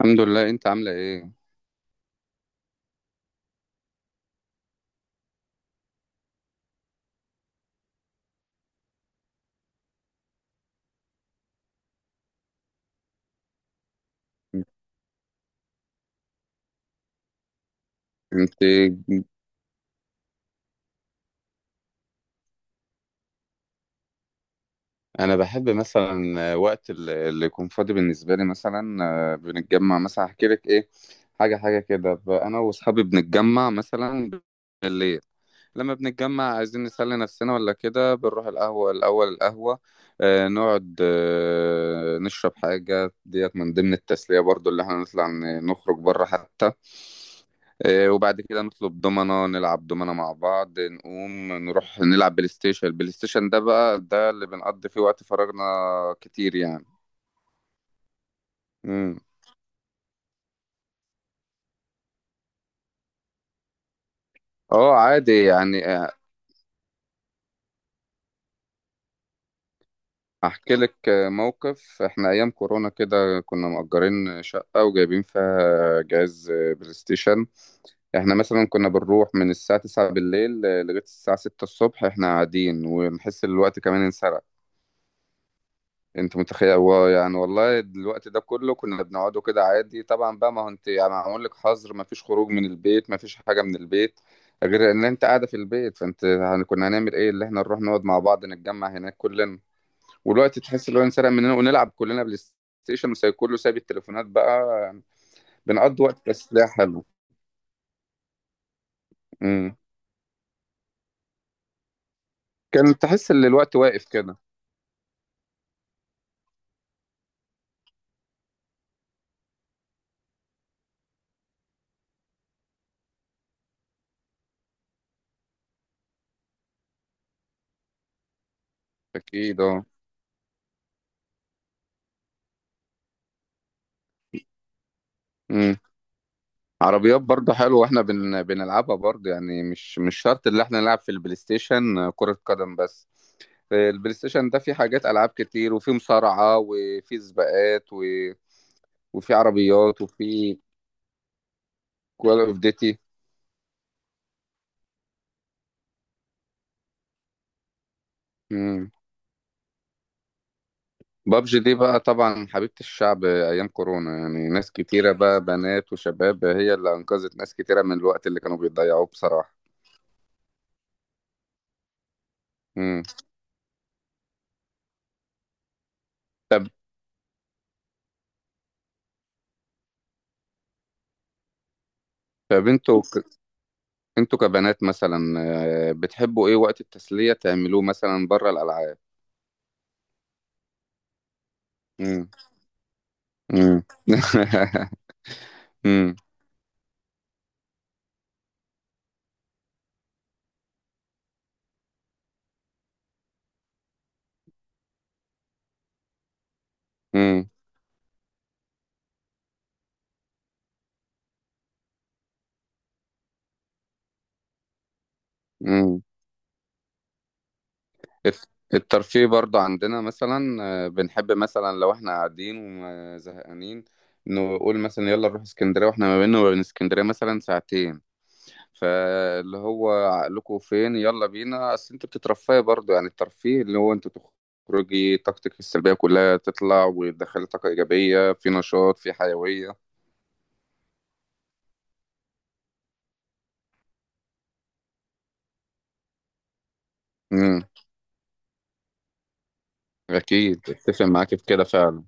الحمد لله، انت عامله ايه؟ انت انا بحب مثلا وقت اللي يكون فاضي بالنسبه لي مثلا. بنتجمع مثلا، احكي لك ايه. حاجه حاجه كده. انا واصحابي بنتجمع مثلا بالليل. لما بنتجمع عايزين نسلي نفسنا ولا كده، بنروح القهوة الأول. القهوة نقعد، نشرب حاجة. ديت من ضمن التسلية برضو، اللي احنا نطلع نخرج بره حتى. وبعد كده نطلب دومنة، نلعب دومنة مع بعض، نقوم نروح نلعب بلاي ستيشن. البلاي ستيشن ده بقى ده اللي بنقضي فيه وقت فراغنا كتير يعني. مم. اه، عادي يعني. احكي لك موقف. احنا ايام كورونا كده كنا مأجرين شقة وجايبين فيها جهاز بلاي ستيشن. احنا مثلا كنا بنروح من الساعة 9 بالليل لغاية الساعة 6 الصبح احنا قاعدين، ونحس ان الوقت كمان انسرق. انت متخيل هو يعني؟ والله الوقت ده كله كنا بنقعده كده عادي. طبعا بقى، ما هو انت يعني معمول لك حظر، ما فيش خروج من البيت، ما فيش حاجة من البيت غير ان انت قاعدة في البيت. فانت يعني كنا هنعمل ايه؟ اللي احنا نروح نقعد مع بعض، نتجمع هناك كلنا، والوقت تحس اللي هو انسرق مننا، ونلعب كلنا بلاي ستيشن، وكله سايب التليفونات بقى. بنقضي وقت، بس ده حلو. امم. كان تحس ان الوقت واقف كده. اكيد، اه. امم. عربيات برضه حلوه، واحنا بنلعبها برضه يعني. مش شرط اللي احنا نلعب في البلاي ستيشن كرة قدم بس. البلاي ستيشن ده فيه حاجات، العاب كتير، وفيه مصارعة، وفيه سباقات، و... وفيه عربيات، وفيه كول اوف ديتي. بابجي دي بقى طبعا حبيبة الشعب أيام كورونا، يعني ناس كتيرة، بقى بنات وشباب، هي اللي أنقذت ناس كتيرة من الوقت اللي كانوا بيضيعوه بصراحة. مم. طب طب انتوا كبنات مثلا، بتحبوا ايه وقت التسلية تعملوه مثلا بره الألعاب؟ مم. مم. مم. مم. مم. الت- الترفيه برضو عندنا مثلا، بنحب مثلا لو احنا قاعدين وزهقانين، نقول مثلا يلا نروح اسكندرية، واحنا ما بيننا وبين اسكندرية مثلا ساعتين. فاللي هو عقلكم فين؟ يلا بينا، اصل انت بتترفهي برضو، يعني الترفيه اللي هو انت تخرجي طاقتك السلبية كلها، تطلع، وتدخلي طاقة إيجابية، في نشاط، في حيوية. امم. أكيد، أتفق معاك في كده فعلا.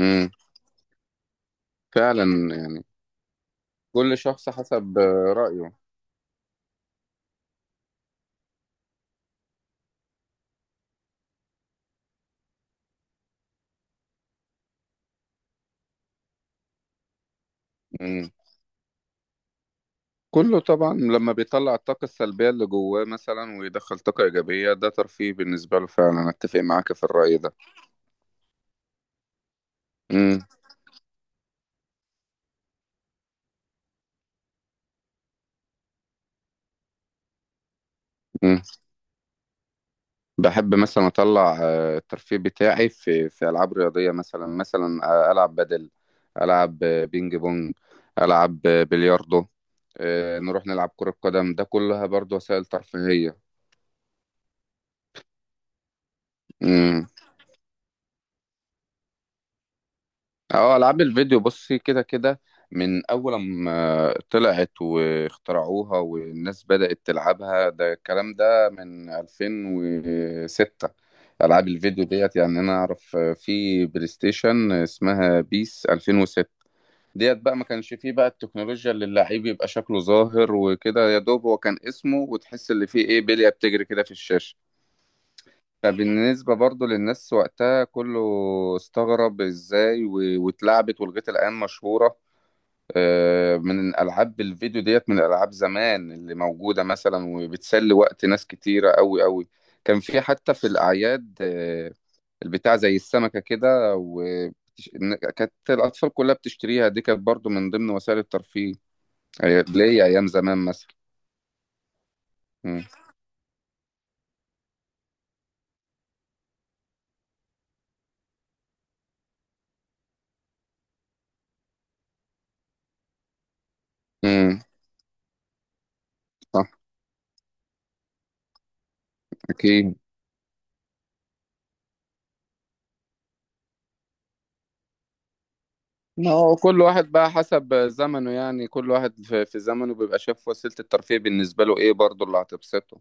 امم. فعلا يعني، كل شخص حسب رأيه. امم. كله طبعا لما بيطلع الطاقة السلبية اللي جواه مثلا، ويدخل طاقة إيجابية، ده ترفيه بالنسبة له فعلا، أتفق معاك في الرأي ده. امم. بحب مثلا اطلع الترفيه بتاعي في العاب رياضيه، مثلا. العب بدل، العب بينج بونج، العب بلياردو، نروح نلعب كره قدم، ده كلها برضو وسائل ترفيهيه. امم. اه، العاب الفيديو، بصي كده كده من اول ما طلعت واخترعوها والناس بدات تلعبها، ده الكلام ده من 2006. العاب الفيديو ديت يعني انا اعرف في بلاي ستيشن اسمها بيس 2006. ديت بقى ما كانش فيه بقى التكنولوجيا اللي اللعيب يبقى شكله ظاهر وكده، يا دوب هو كان اسمه، وتحس اللي فيه ايه بلية بتجري كده في الشاشة. فبالنسبة برضو للناس وقتها كله استغرب ازاي واتلعبت، ولغاية الآن مشهورة. من ألعاب الفيديو ديت، من ألعاب زمان اللي موجودة مثلا وبتسلي وقت ناس كتيرة أوي أوي. كان في حتى في الأعياد البتاع زي السمكة كده كانت الأطفال كلها بتشتريها، دي كانت برضو من ضمن وسائل الترفيه. ليا ايام زمان مثلا. مم. مم. صح. اكيد. ما هو كل واحد بقى حسب زمنه يعني، كل واحد في زمنه بيبقى شايف وسيلة الترفيه بالنسبة له ايه، برضه اللي هتبسطه.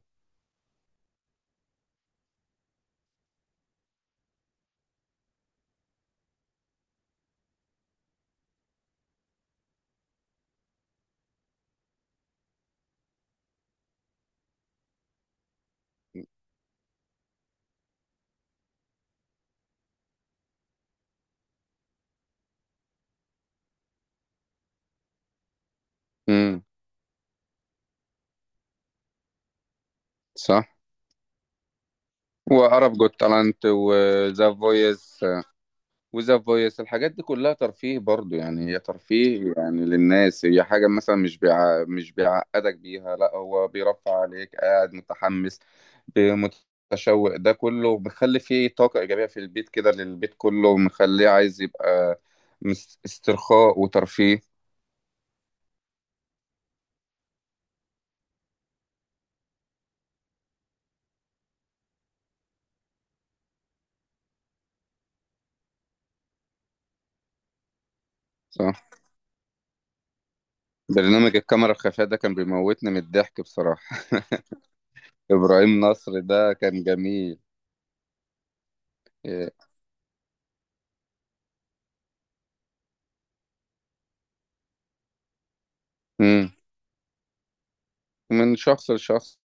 امم. صح. وعرب جوت تالنت وذا فويس. وذا فويس، الحاجات دي كلها ترفيه برضو يعني. هي ترفيه يعني للناس، هي حاجة مثلا، مش بيعقدك بيها، لا، هو بيرفع عليك، قاعد متحمس متشوق، ده كله مخلي فيه طاقة إيجابية في البيت كده، للبيت كله، مخليه عايز يبقى استرخاء وترفيه. صح. برنامج الكاميرا الخفية ده كان بيموتني من الضحك بصراحة. إبراهيم نصر ده كان جميل. إيه. مم. من شخص لشخص.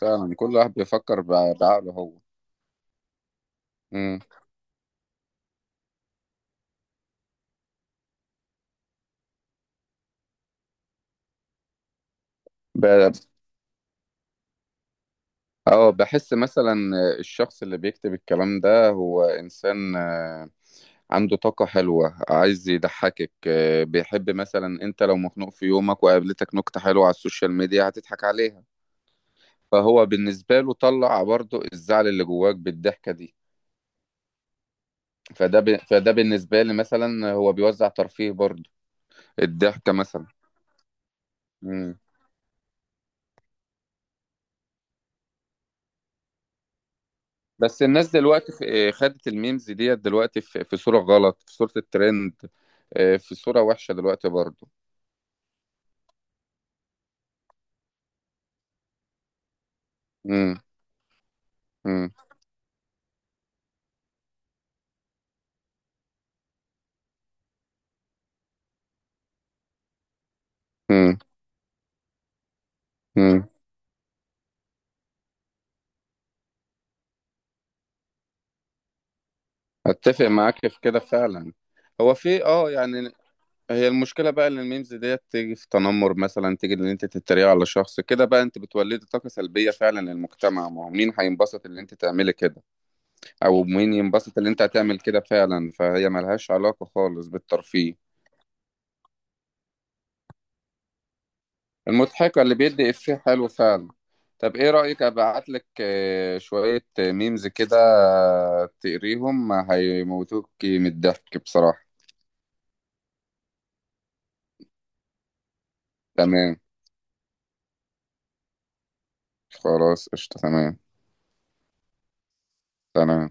فعلا كل واحد بيفكر بعقله هو. مم. ب... اه، بحس مثلا الشخص اللي بيكتب الكلام ده هو انسان عنده طاقة حلوة، عايز يضحكك. بيحب مثلا، انت لو مخنوق في يومك وقابلتك نكتة حلوة على السوشيال ميديا، هتضحك عليها. فهو بالنسبة له طلع برضو الزعل اللي جواك بالضحكة دي. فده بالنسبة لي مثلا، هو بيوزع ترفيه برضو، الضحكة مثلا. بس الناس دلوقتي خدت الميمز ديت دلوقتي في صورة غلط، في صورة الترند، في صورة وحشة دلوقتي برضو. امم. امم. امم. امم. اتفق معاك في كده فعلا. هو في، اه، يعني هي المشكلة بقى ان الميمز ديت تيجي في تنمر، مثلا تيجي ان انت تتريق على شخص كده بقى، انت بتولدي طاقة سلبية فعلا للمجتمع. ما هو مين هينبسط ان انت تعملي كده؟ او مين ينبسط ان انت هتعمل كده؟ فعلا فهي ملهاش علاقة خالص بالترفيه. المضحكة اللي بيدي إفيه حلو فعلا. طب إيه رأيك أبعت لك شوية ميمز كده؟ تقريهم هيموتوك من الضحك بصراحة. تمام. خلاص، قشطة، تمام. تمام.